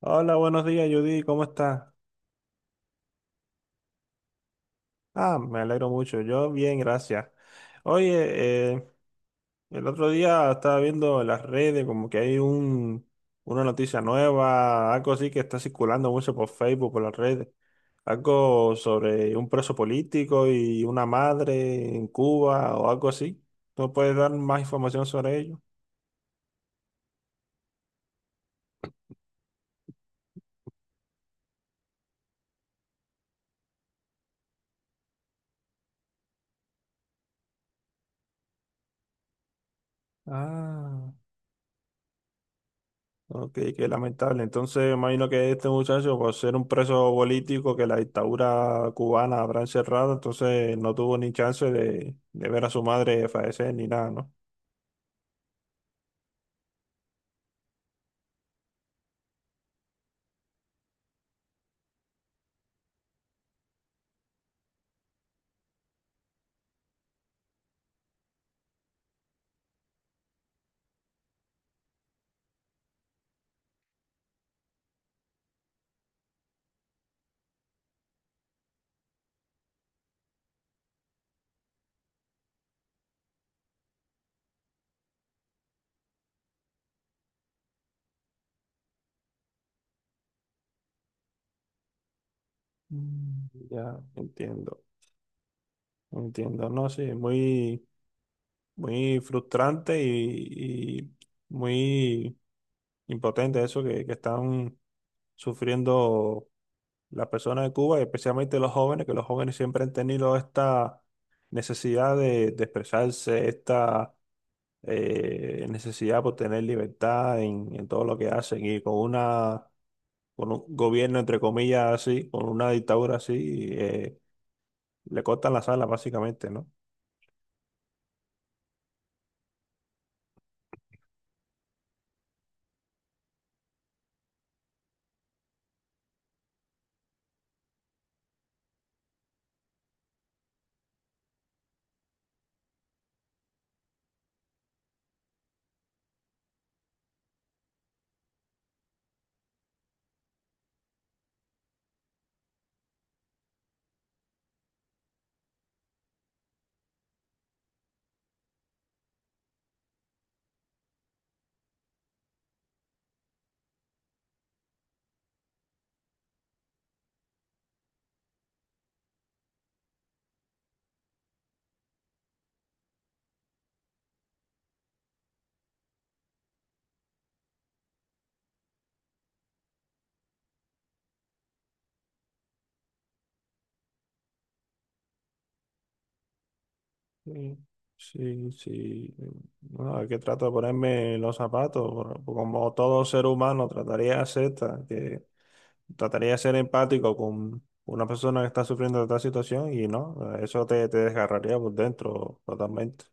Hola, buenos días, Judy, ¿cómo estás? Ah, me alegro mucho, yo bien, gracias. Oye, el otro día estaba viendo en las redes como que hay una noticia nueva, algo así que está circulando mucho por Facebook, por las redes, algo sobre un preso político y una madre en Cuba o algo así. ¿No puedes dar más información sobre ello? Ah. Ok, qué lamentable. Entonces, imagino que este muchacho, por ser un preso político que la dictadura cubana habrá encerrado, entonces no tuvo ni chance de ver a su madre fallecer ni nada, ¿no? Mm. Ya, entiendo, entiendo, ¿no? Sí, muy, muy frustrante y muy impotente eso que están sufriendo las personas de Cuba, y especialmente los jóvenes, que los jóvenes siempre han tenido esta necesidad de expresarse, esta necesidad por tener libertad en todo lo que hacen y con una con un gobierno entre comillas así, con una dictadura así, le cortan las alas básicamente, ¿no? Sí, sí, sí. Bueno, es que trato de ponerme los zapatos, por como todo ser humano trataría de hacer, que trataría de ser empático con una persona que está sufriendo de esta situación y no, eso te desgarraría por dentro totalmente.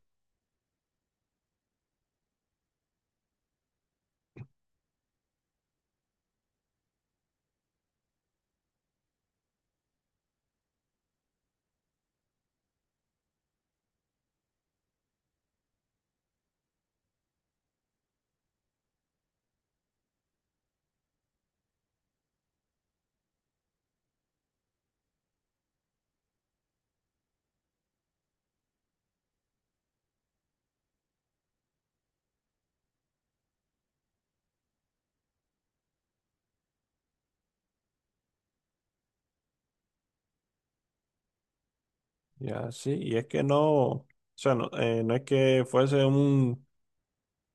Ya, sí, y es que no, o sea, no, no es que fuese un,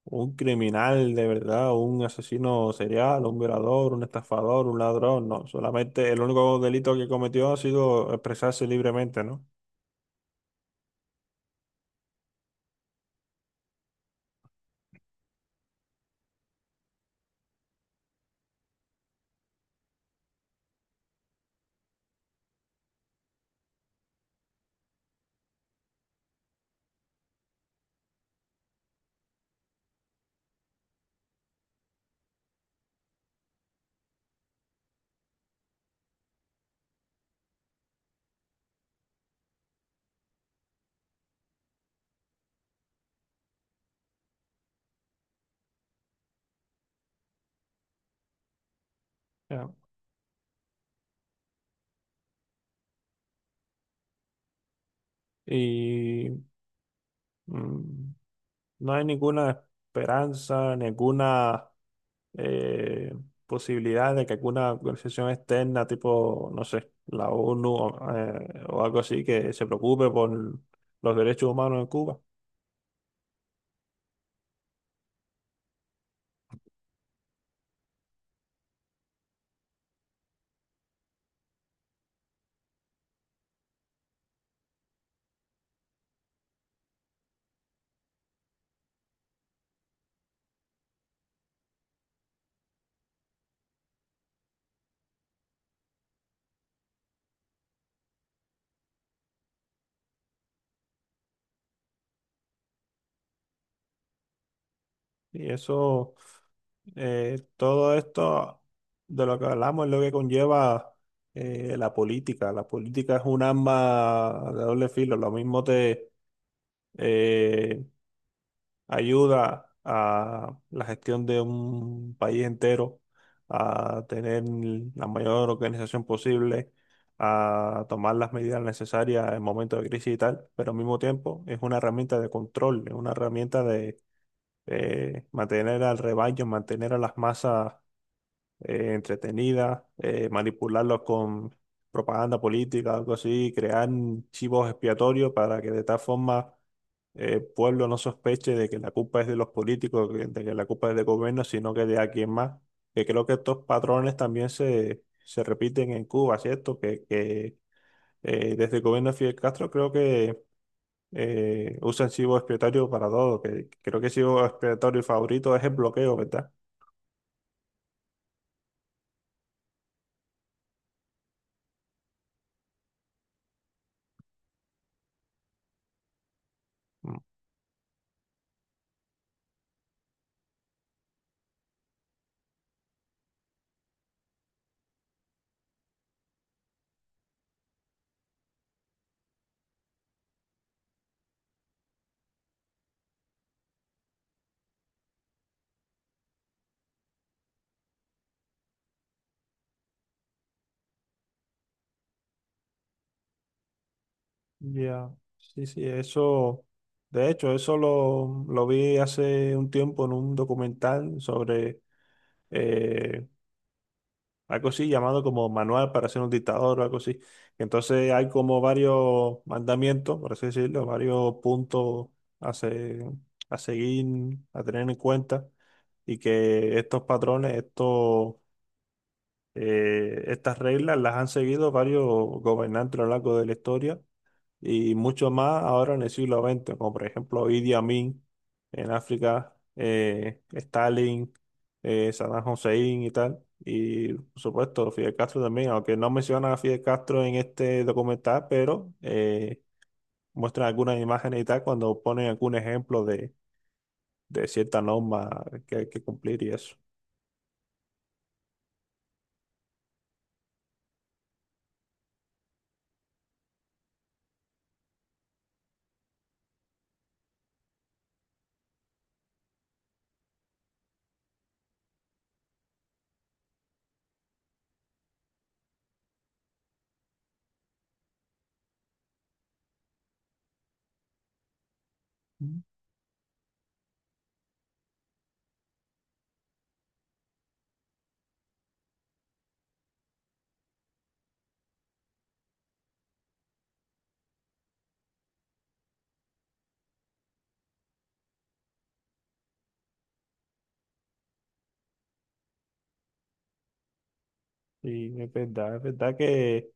un criminal de verdad, un asesino serial, un violador, un estafador, un ladrón, no, solamente el único delito que cometió ha sido expresarse libremente, ¿no? Ya. Y mm, no hay ninguna esperanza, ninguna eh, posibilidad de que alguna organización externa, tipo, no sé, la ONU o algo así, que se preocupe por los derechos humanos en Cuba. Y eso, todo esto de lo que hablamos es lo que conlleva la política. La política es un arma de doble filo. Lo mismo te eh, ayuda a la gestión de un país entero, a tener la mayor organización posible, a tomar las medidas necesarias en momentos de crisis y tal, pero al mismo tiempo es una herramienta de control, es una herramienta, mantener al rebaño, mantener a las masas entretenidas, manipularlos con propaganda política, algo así, crear chivos expiatorios para que de tal forma el pueblo no sospeche de que la culpa es de los políticos, de que la culpa es del gobierno, sino que de alguien más. Que creo que estos patrones también se repiten en Cuba, ¿cierto? Que desde el gobierno de Fidel Castro creo que usan chivo expiatorio para todo, que creo que chivo expiatorio favorito es el bloqueo, ¿verdad? Mm. Ya, sí, sí, eso, de hecho, eso lo vi hace un tiempo en un documental sobre eh, algo así llamado como manual para ser un dictador o algo así. Entonces hay como varios mandamientos, por así decirlo, varios puntos a, se- a seguir, a tener en cuenta y que estos patrones, estos estas reglas las han seguido varios gobernantes a lo largo de la historia y mucho más ahora en el siglo XX, como por ejemplo Idi Amin en África, Stalin, Saddam Hussein y tal. Y por supuesto Fidel Castro también, aunque no mencionan a Fidel Castro en este documental, pero muestran algunas imágenes y tal cuando ponen algún ejemplo de cierta norma que hay que cumplir y eso. Mm. Y es verdad que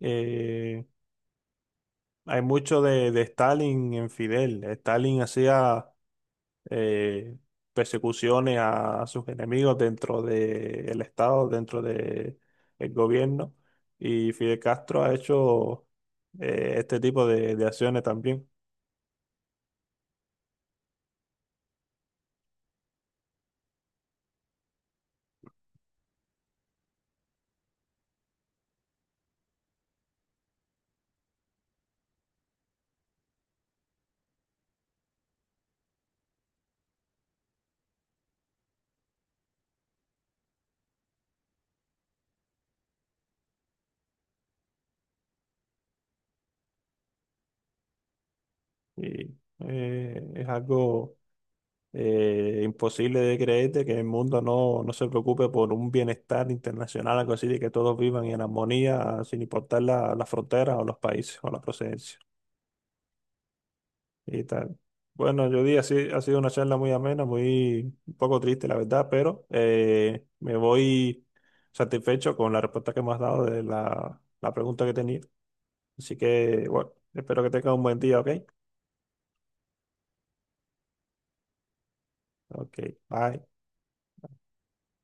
eh, hay mucho de Stalin en Fidel. Stalin hacía eh, persecuciones a sus enemigos dentro del Estado, dentro del gobierno. Y Fidel Castro ha hecho este tipo de acciones también. Y es algo imposible de creer de que el mundo no se preocupe por un bienestar internacional, algo así, de que todos vivan en armonía sin importar las fronteras o los países o la procedencia. Y tal. Bueno, yo di, así ha sido una charla muy amena, muy un poco triste, la verdad, pero me voy satisfecho con la respuesta que me has dado de la pregunta que tenía. Así que, bueno, espero que tengas un buen día, ¿ok? Ok, bye.